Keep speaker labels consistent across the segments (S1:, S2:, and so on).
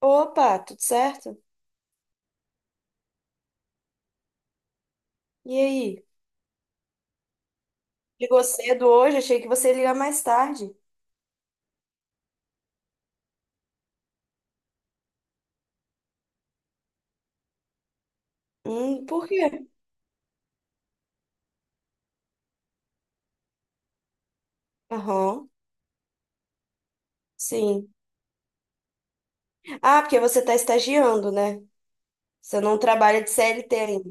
S1: Opa, tudo certo? E aí? Ligou cedo hoje? Achei que você ia ligar mais tarde. Por quê? Aham, sim. Ah, porque você tá estagiando, né? Você não trabalha de CLT ainda.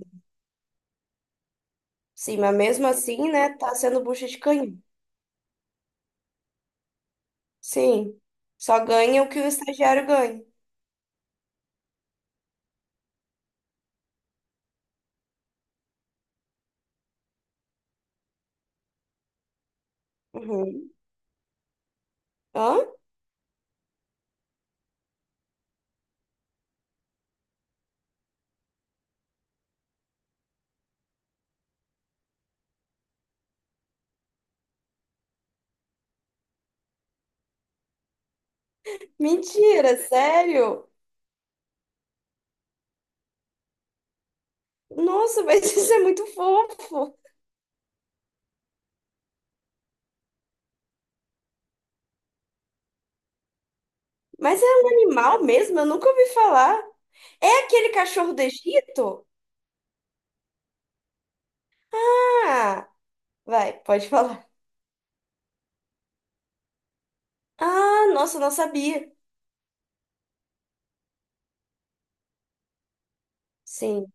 S1: Sim, mas mesmo assim, né, tá sendo bucha de canhão. Sim, só ganha o que o estagiário ganha. Uhum. Hã? Mentira, sério? Nossa, mas isso é muito fofo. Mas é um animal mesmo? Eu nunca ouvi falar. É aquele cachorro do Egito? Ah, vai, pode falar. Ah, nossa, não sabia. Sim.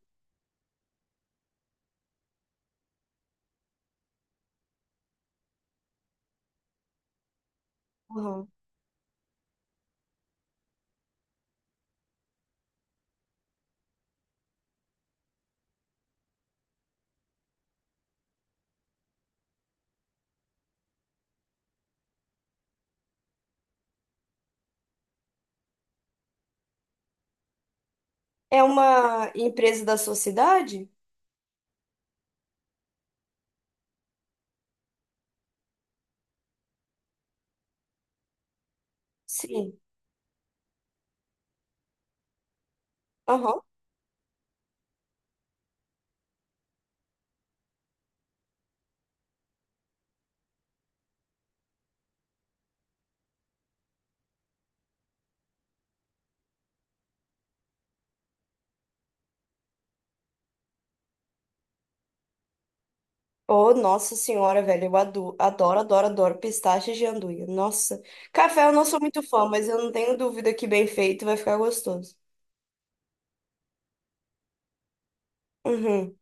S1: Aham. É uma empresa da sua cidade? Sim. Aham. Oh, nossa senhora, velho, adoro, adoro, adoro pistache de anduia. Nossa. Café eu não sou muito fã, mas eu não tenho dúvida que bem feito vai ficar gostoso. Uhum,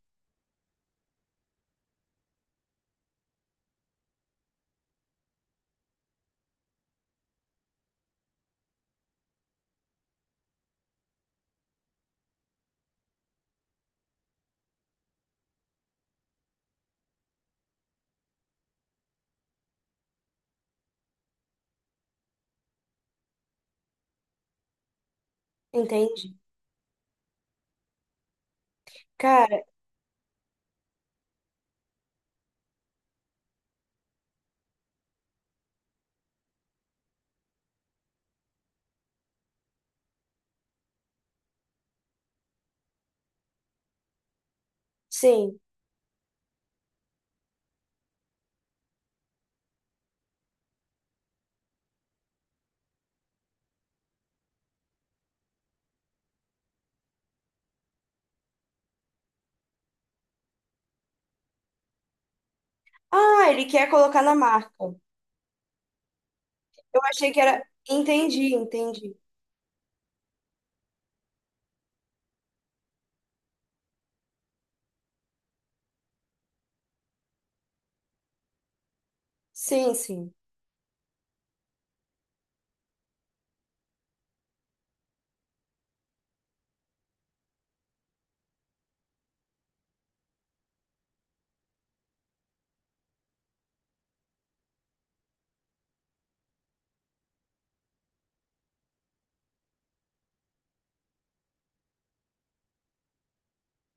S1: entendi. Cara, sim. Ah, ele quer colocar na marca. Eu achei que era. Entendi, entendi. Sim, sim,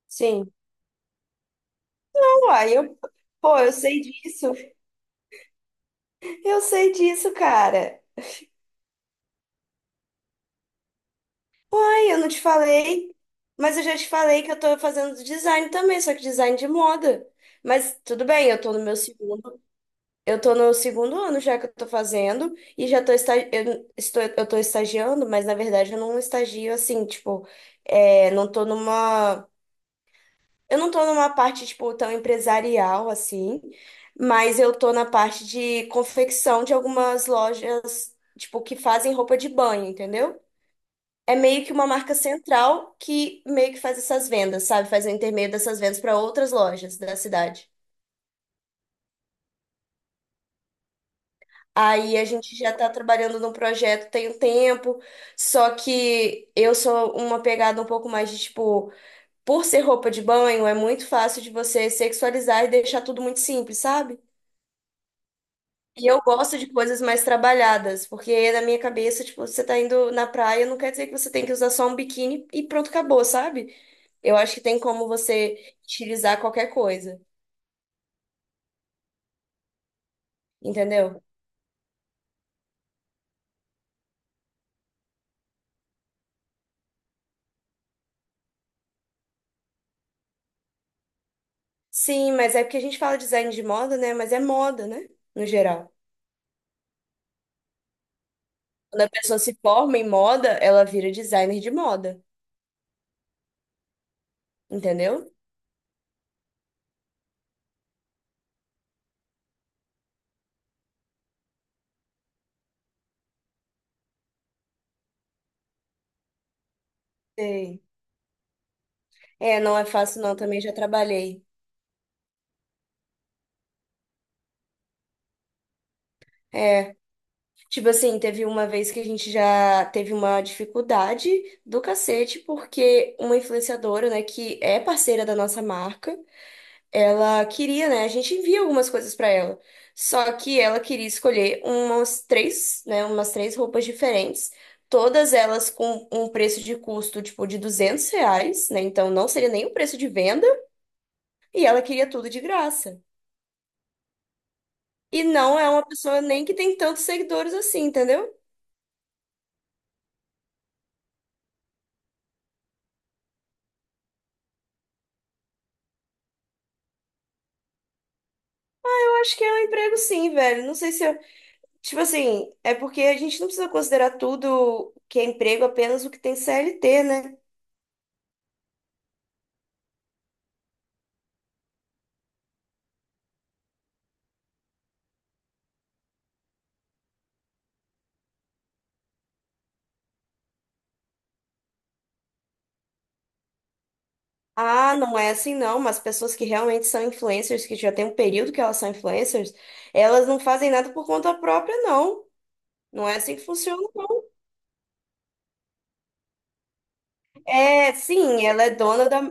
S1: sim. Uai, eu... Pô, eu sei disso. Eu sei disso, cara. Ai, eu não te falei, mas eu já te falei que eu tô fazendo design também, só que design de moda. Mas tudo bem, eu tô no segundo ano já que eu tô fazendo e já eu tô estagiando, mas na verdade eu não estagio assim, tipo, não tô numa eu não tô numa parte tipo tão empresarial assim, mas eu tô na parte de confecção de algumas lojas, tipo, que fazem roupa de banho, entendeu? É meio que uma marca central que meio que faz essas vendas, sabe? Faz o intermédio dessas vendas para outras lojas da cidade. Aí a gente já está trabalhando num projeto tem um tempo, só que eu sou uma pegada um pouco mais de tipo, por ser roupa de banho, é muito fácil de você sexualizar e deixar tudo muito simples, sabe? E eu gosto de coisas mais trabalhadas, porque na minha cabeça, tipo, você tá indo na praia, não quer dizer que você tem que usar só um biquíni e pronto, acabou, sabe? Eu acho que tem como você utilizar qualquer coisa, entendeu? Sim, mas é porque a gente fala design de moda, né? Mas é moda, né? No geral. Quando a pessoa se forma em moda, ela vira designer de moda, entendeu? Sei. É, não é fácil não, também já trabalhei. É, tipo assim, teve uma vez que a gente já teve uma dificuldade do cacete, porque uma influenciadora, né, que é parceira da nossa marca, ela queria, né? A gente envia algumas coisas pra ela. Só que ela queria escolher umas três, né? Umas três roupas diferentes. Todas elas com um preço de custo, tipo, de R$ 200, né? Então não seria nem o preço de venda. E ela queria tudo de graça. E não é uma pessoa nem que tem tantos seguidores assim, entendeu? Eu acho que é um emprego sim, velho. Não sei se eu... Tipo assim, é porque a gente não precisa considerar tudo que é emprego apenas o que tem CLT, né? Ah, não é assim não, mas pessoas que realmente são influencers, que já tem um período que elas são influencers, elas não fazem nada por conta própria, não. Não é assim que funciona, não. É, sim, ela é dona da,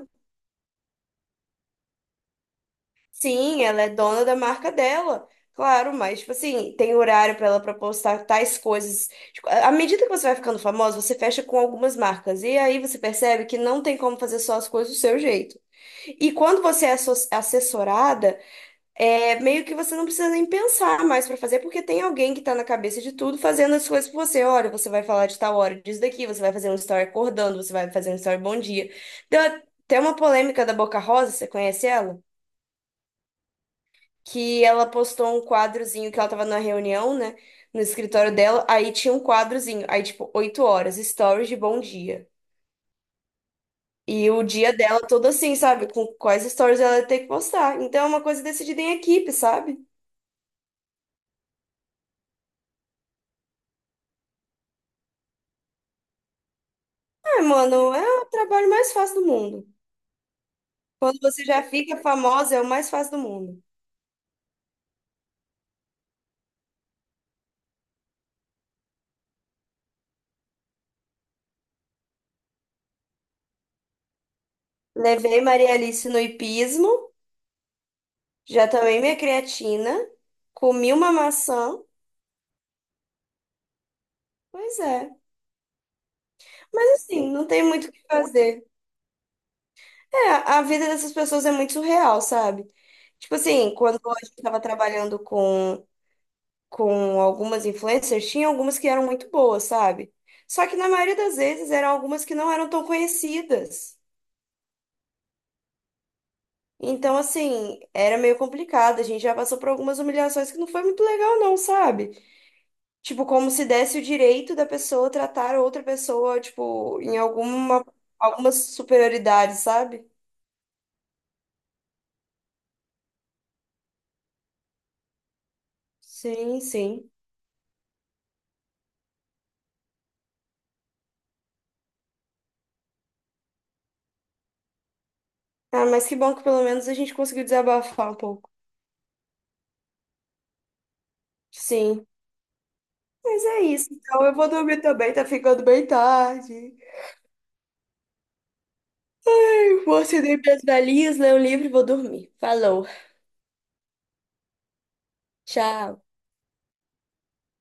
S1: sim, ela é dona da marca dela. Claro, mas tipo assim, tem horário para ela pra postar tais coisas. Tipo, à medida que você vai ficando famosa, você fecha com algumas marcas e aí você percebe que não tem como fazer só as coisas do seu jeito. E quando você é assessorada. É meio que você não precisa nem pensar mais pra fazer, porque tem alguém que tá na cabeça de tudo fazendo as coisas por você. Olha, você vai falar de tal hora disso daqui, você vai fazer um story acordando, você vai fazer um story bom dia. Deu até uma polêmica da Boca Rosa, você conhece ela? Que ela postou um quadrozinho que ela tava na reunião, né? No escritório dela, aí tinha um quadrozinho, aí tipo, 8 horas, stories de bom dia. E o dia dela todo assim, sabe? Com quais stories ela ia ter que postar. Então é uma coisa decidida em equipe, sabe? É, mano, é o trabalho mais fácil do mundo. Quando você já fica famosa, é o mais fácil do mundo. Levei Maria Alice no hipismo, já tomei minha creatina, comi uma maçã. Pois é. Mas assim, não tem muito o que fazer. É, a vida dessas pessoas é muito surreal, sabe? Tipo assim, quando a gente tava trabalhando com algumas influencers, tinha algumas que eram muito boas, sabe? Só que na maioria das vezes eram algumas que não eram tão conhecidas. Então, assim, era meio complicado. A gente já passou por algumas humilhações que não foi muito legal, não, sabe? Tipo, como se desse o direito da pessoa tratar outra pessoa, tipo, em alguma superioridade, sabe? Sim, sim. Ah, mas que bom que pelo menos a gente conseguiu desabafar um pouco. Sim. Mas é isso. Então, eu vou dormir também, tá ficando bem tarde. Eu vou acender minhas velhinhas, ler um livro e vou dormir. Falou. Tchau.